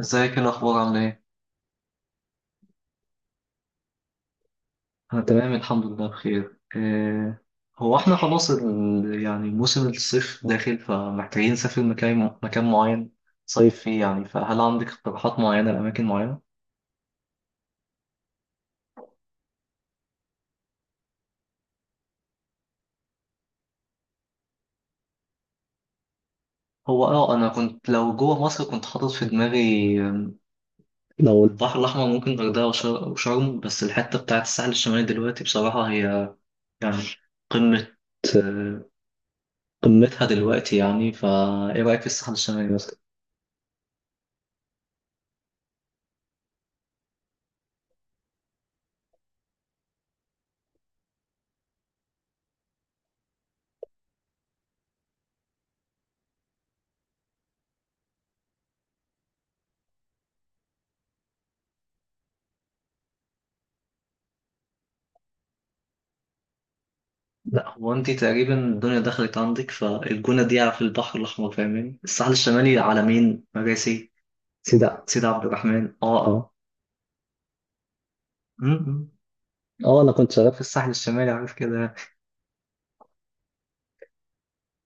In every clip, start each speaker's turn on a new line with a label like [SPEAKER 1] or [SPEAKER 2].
[SPEAKER 1] ازيك؟ ايه الاخبار؟ عامله ايه؟ انا تمام الحمد لله بخير. إيه، هو احنا خلاص يعني موسم الصيف داخل، فمحتاجين نسافر مكان معين، صيف فيه، يعني. فهل عندك اقتراحات معينه لاماكن معينه؟ هو اه، انا كنت لو جوه مصر كنت حاطط في دماغي، لو البحر الاحمر ممكن غردقه وشرم. بس الحته بتاعت الساحل الشمالي دلوقتي بصراحه هي، يعني، قمه، آه، قمتها دلوقتي يعني. فايه رايك في الساحل الشمالي مثلا؟ لا، هو انت تقريبا الدنيا دخلت عندك، فالجونة دي على في البحر الأحمر فاهماني، الساحل الشمالي على مين؟ مراسي، سيدة عبد الرحمن، اه. م-م. اه، انا كنت شغال في الساحل الشمالي، عارف كده،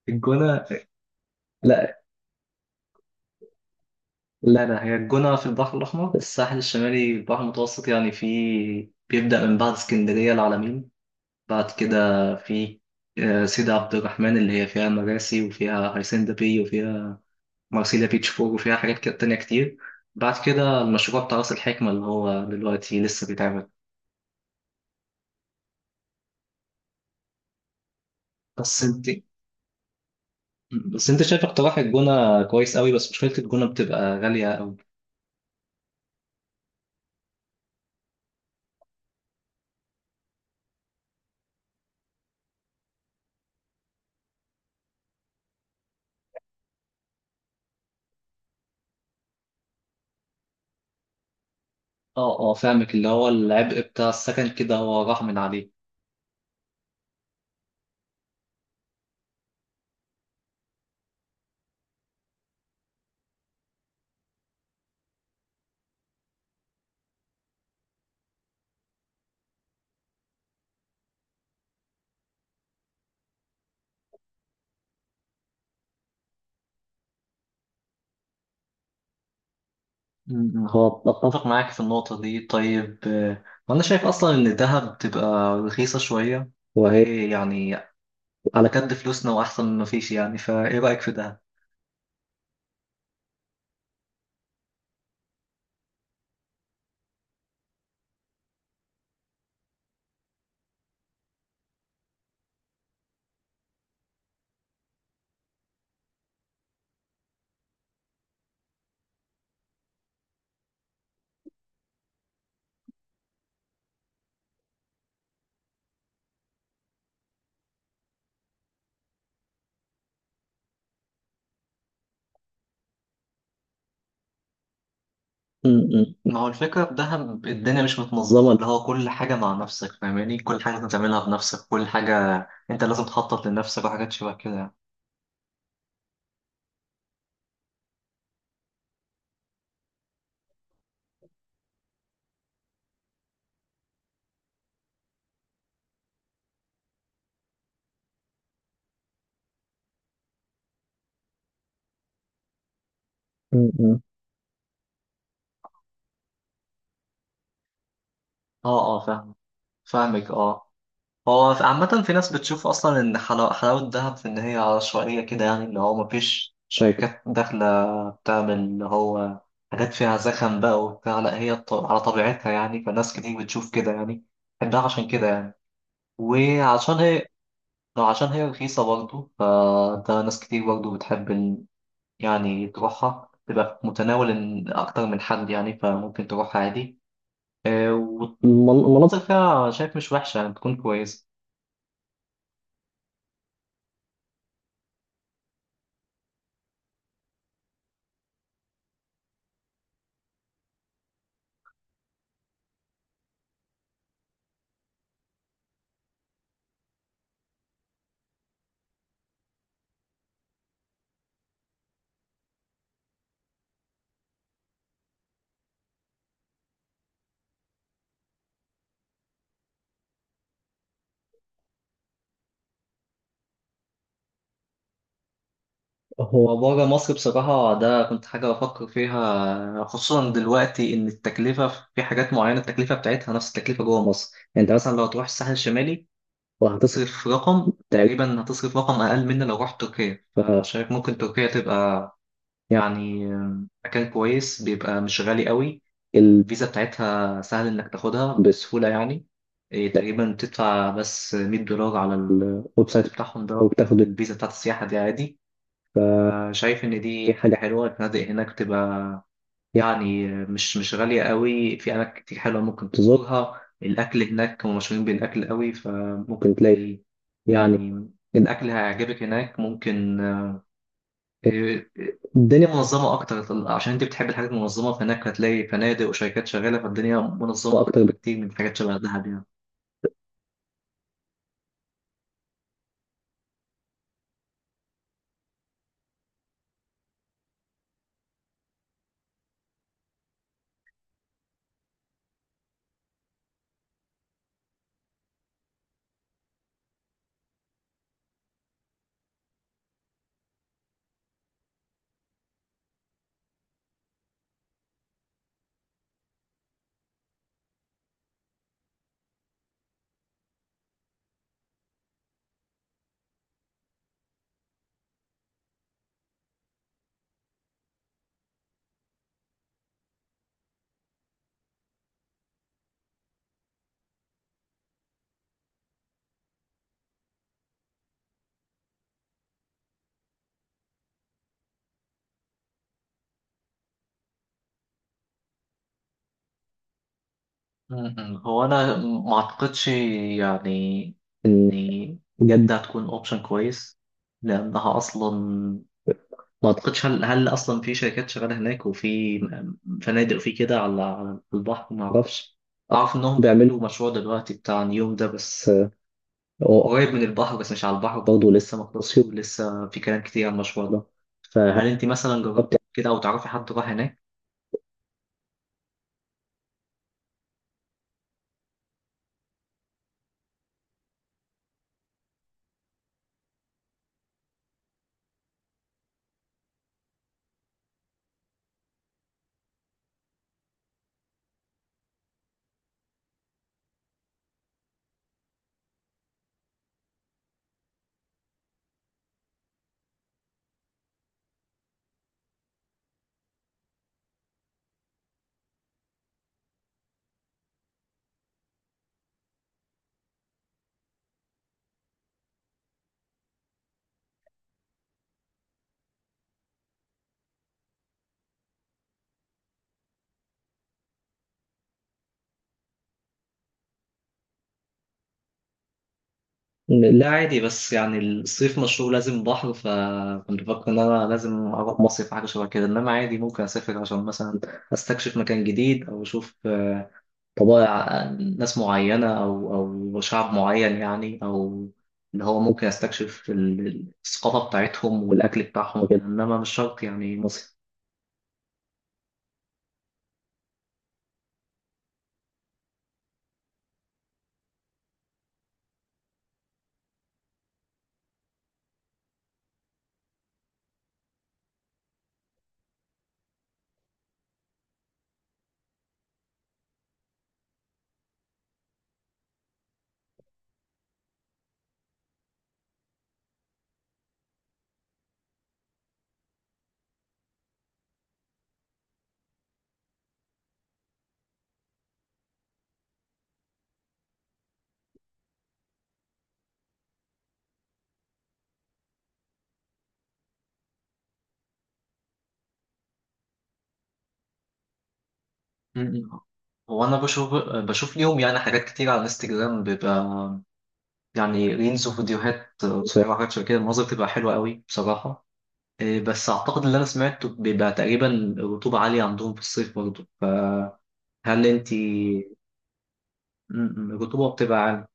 [SPEAKER 1] الجونة. لا، لا، لا، هي الجونة في البحر الأحمر، الساحل الشمالي البحر المتوسط يعني. في، بيبدأ من بعد اسكندرية، العلمين. بعد كده في سيدة عبد الرحمن اللي هي فيها مراسي، وفيها هيسندا بي، وفيها مارسيليا بيتش فور، وفيها حاجات كده تانية كتير. بعد كده المشروع بتاع راس الحكمة اللي هو دلوقتي لسه بيتعمل. بس انت بس انت شايف اقتراح الجونة كويس قوي، بس مشكلة الجونة بتبقى غالية قوي. اه، اه، فاهمك، اللي هو العبء بتاع السكن كده هو راح من عليه. م- م. هو اتفق معاك في النقطة دي. طيب، وانا شايف اصلا ان الذهب بتبقى رخيصة شوية، وهي يعني على قد فلوسنا، واحسن ما فيش يعني. فايه رأيك في ده؟ م-م. ما هو الفكرة في دهب الدنيا مش متنظمة، اللي هو كل حاجة مع نفسك فاهماني، كل حاجة لازم تعملها بنفسك، كل حاجة انت لازم تخطط لنفسك، وحاجات شبه كده يعني. م-م. اه، اه، فاهمك، اه. هو عامة في ناس بتشوف أصلا إن حلاوة دهب في إن هي عشوائية كده، يعني اللي هو مفيش شركات داخلة بتعمل اللي هو حاجات فيها زخم بقى وبتاع. لا، هي على طبيعتها يعني. فناس كتير بتشوف كده يعني، بحبها عشان كده يعني، وعشان هي، لو عشان هي رخيصة برضه فده ناس كتير برضه بتحب يعني تروحها، تبقى في متناول إن أكتر من حد يعني، فممكن تروحها عادي. والمناطق فيها شايف مش وحشة، يعني بتكون كويسة. هو بره مصر بصراحة ده كنت حاجة بفكر فيها، خصوصا دلوقتي إن التكلفة في حاجات معينة التكلفة بتاعتها نفس التكلفة جوه مصر. يعني أنت مثلا لو تروح الساحل الشمالي وهتصرف، هتصرف رقم تقريبا، هتصرف رقم أقل من لو رحت تركيا. فشايف ممكن تركيا تبقى يعني مكان كويس، بيبقى مش غالي قوي. الفيزا بتاعتها سهل انك تاخدها بسهولة يعني. إيه، تقريبا بتدفع بس 100 دولار على الويب سايت بتاعهم ده، وبتاخد الفيزا بتاعت السياحة دي عادي. شايف ان دي حاجة حلوة. الفنادق هناك بتبقى يعني مش غالية قوي، في اماكن كتير حلوة ممكن تزورها. الاكل هناك هم مشهورين بالاكل قوي، فممكن تلاقي يعني الاكل هيعجبك هناك. ممكن الدنيا منظمة أكتر، عشان أنت بتحب الحاجات المنظمة، فهناك هتلاقي فنادق وشركات شغالة، فالدنيا منظمة أكتر بكتير من حاجات شبه دهب يعني. م- م. هو أنا ما أعتقدش يعني إن جدة هتكون أوبشن كويس، لأنها أصلا ما أعتقدش، هل أصلا في شركات شغالة هناك، وفي فنادق، وفي كده على البحر، ما أعرفش. أعرف إنهم بيعملوا مشروع دلوقتي بتاع نيوم ده، بس هو قريب من البحر بس مش على البحر برضه، لسه ما خلصش، ولسه في كلام كتير عن المشروع ده. فهل انت مثلا جربت كده، او تعرفي حد راح هناك؟ لا، عادي، بس يعني الصيف مشهور لازم بحر، فكنت بفكر ان انا لازم اروح مصيف حاجه شبه كده، انما عادي ممكن اسافر عشان مثلا استكشف مكان جديد، او اشوف طبائع ناس معينه، او او شعب معين يعني، او اللي هو ممكن استكشف الثقافه بتاعتهم والاكل بتاعهم وكده، انما مش شرط يعني مصيف. م-م. هو انا بشوف ليهم يعني حاجات كتير على الانستجرام، بيبقى يعني ريلز وفيديوهات قصيره وحاجات شبه كده، المناظر بتبقى حلوه قوي بصراحه. إيه، بس اعتقد اللي انا سمعته بيبقى تقريبا الرطوبه عاليه عندهم في الصيف برضه. فهل انت، الرطوبه بتبقى عاليه.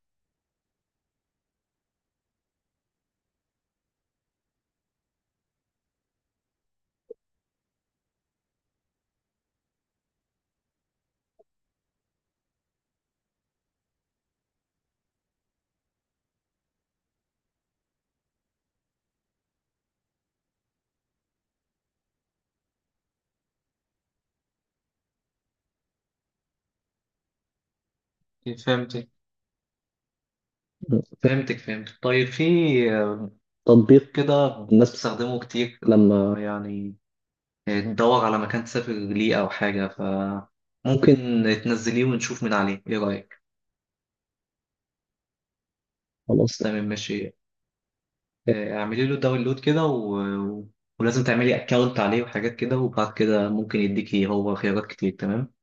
[SPEAKER 1] فهمتك، فهمتك، فهمتك. طيب، في آه، تطبيق كده الناس بتستخدمه كتير لما يعني ندور على مكان تسافر ليه أو حاجة، فممكن تنزليه ونشوف من عليه. إيه رأيك؟ خلاص تمام، ماشي. اعملي له داونلود كده، و- ولازم تعملي أكاونت عليه وحاجات كده، وبعد كده ممكن يديكي هو خيارات كتير. تمام؟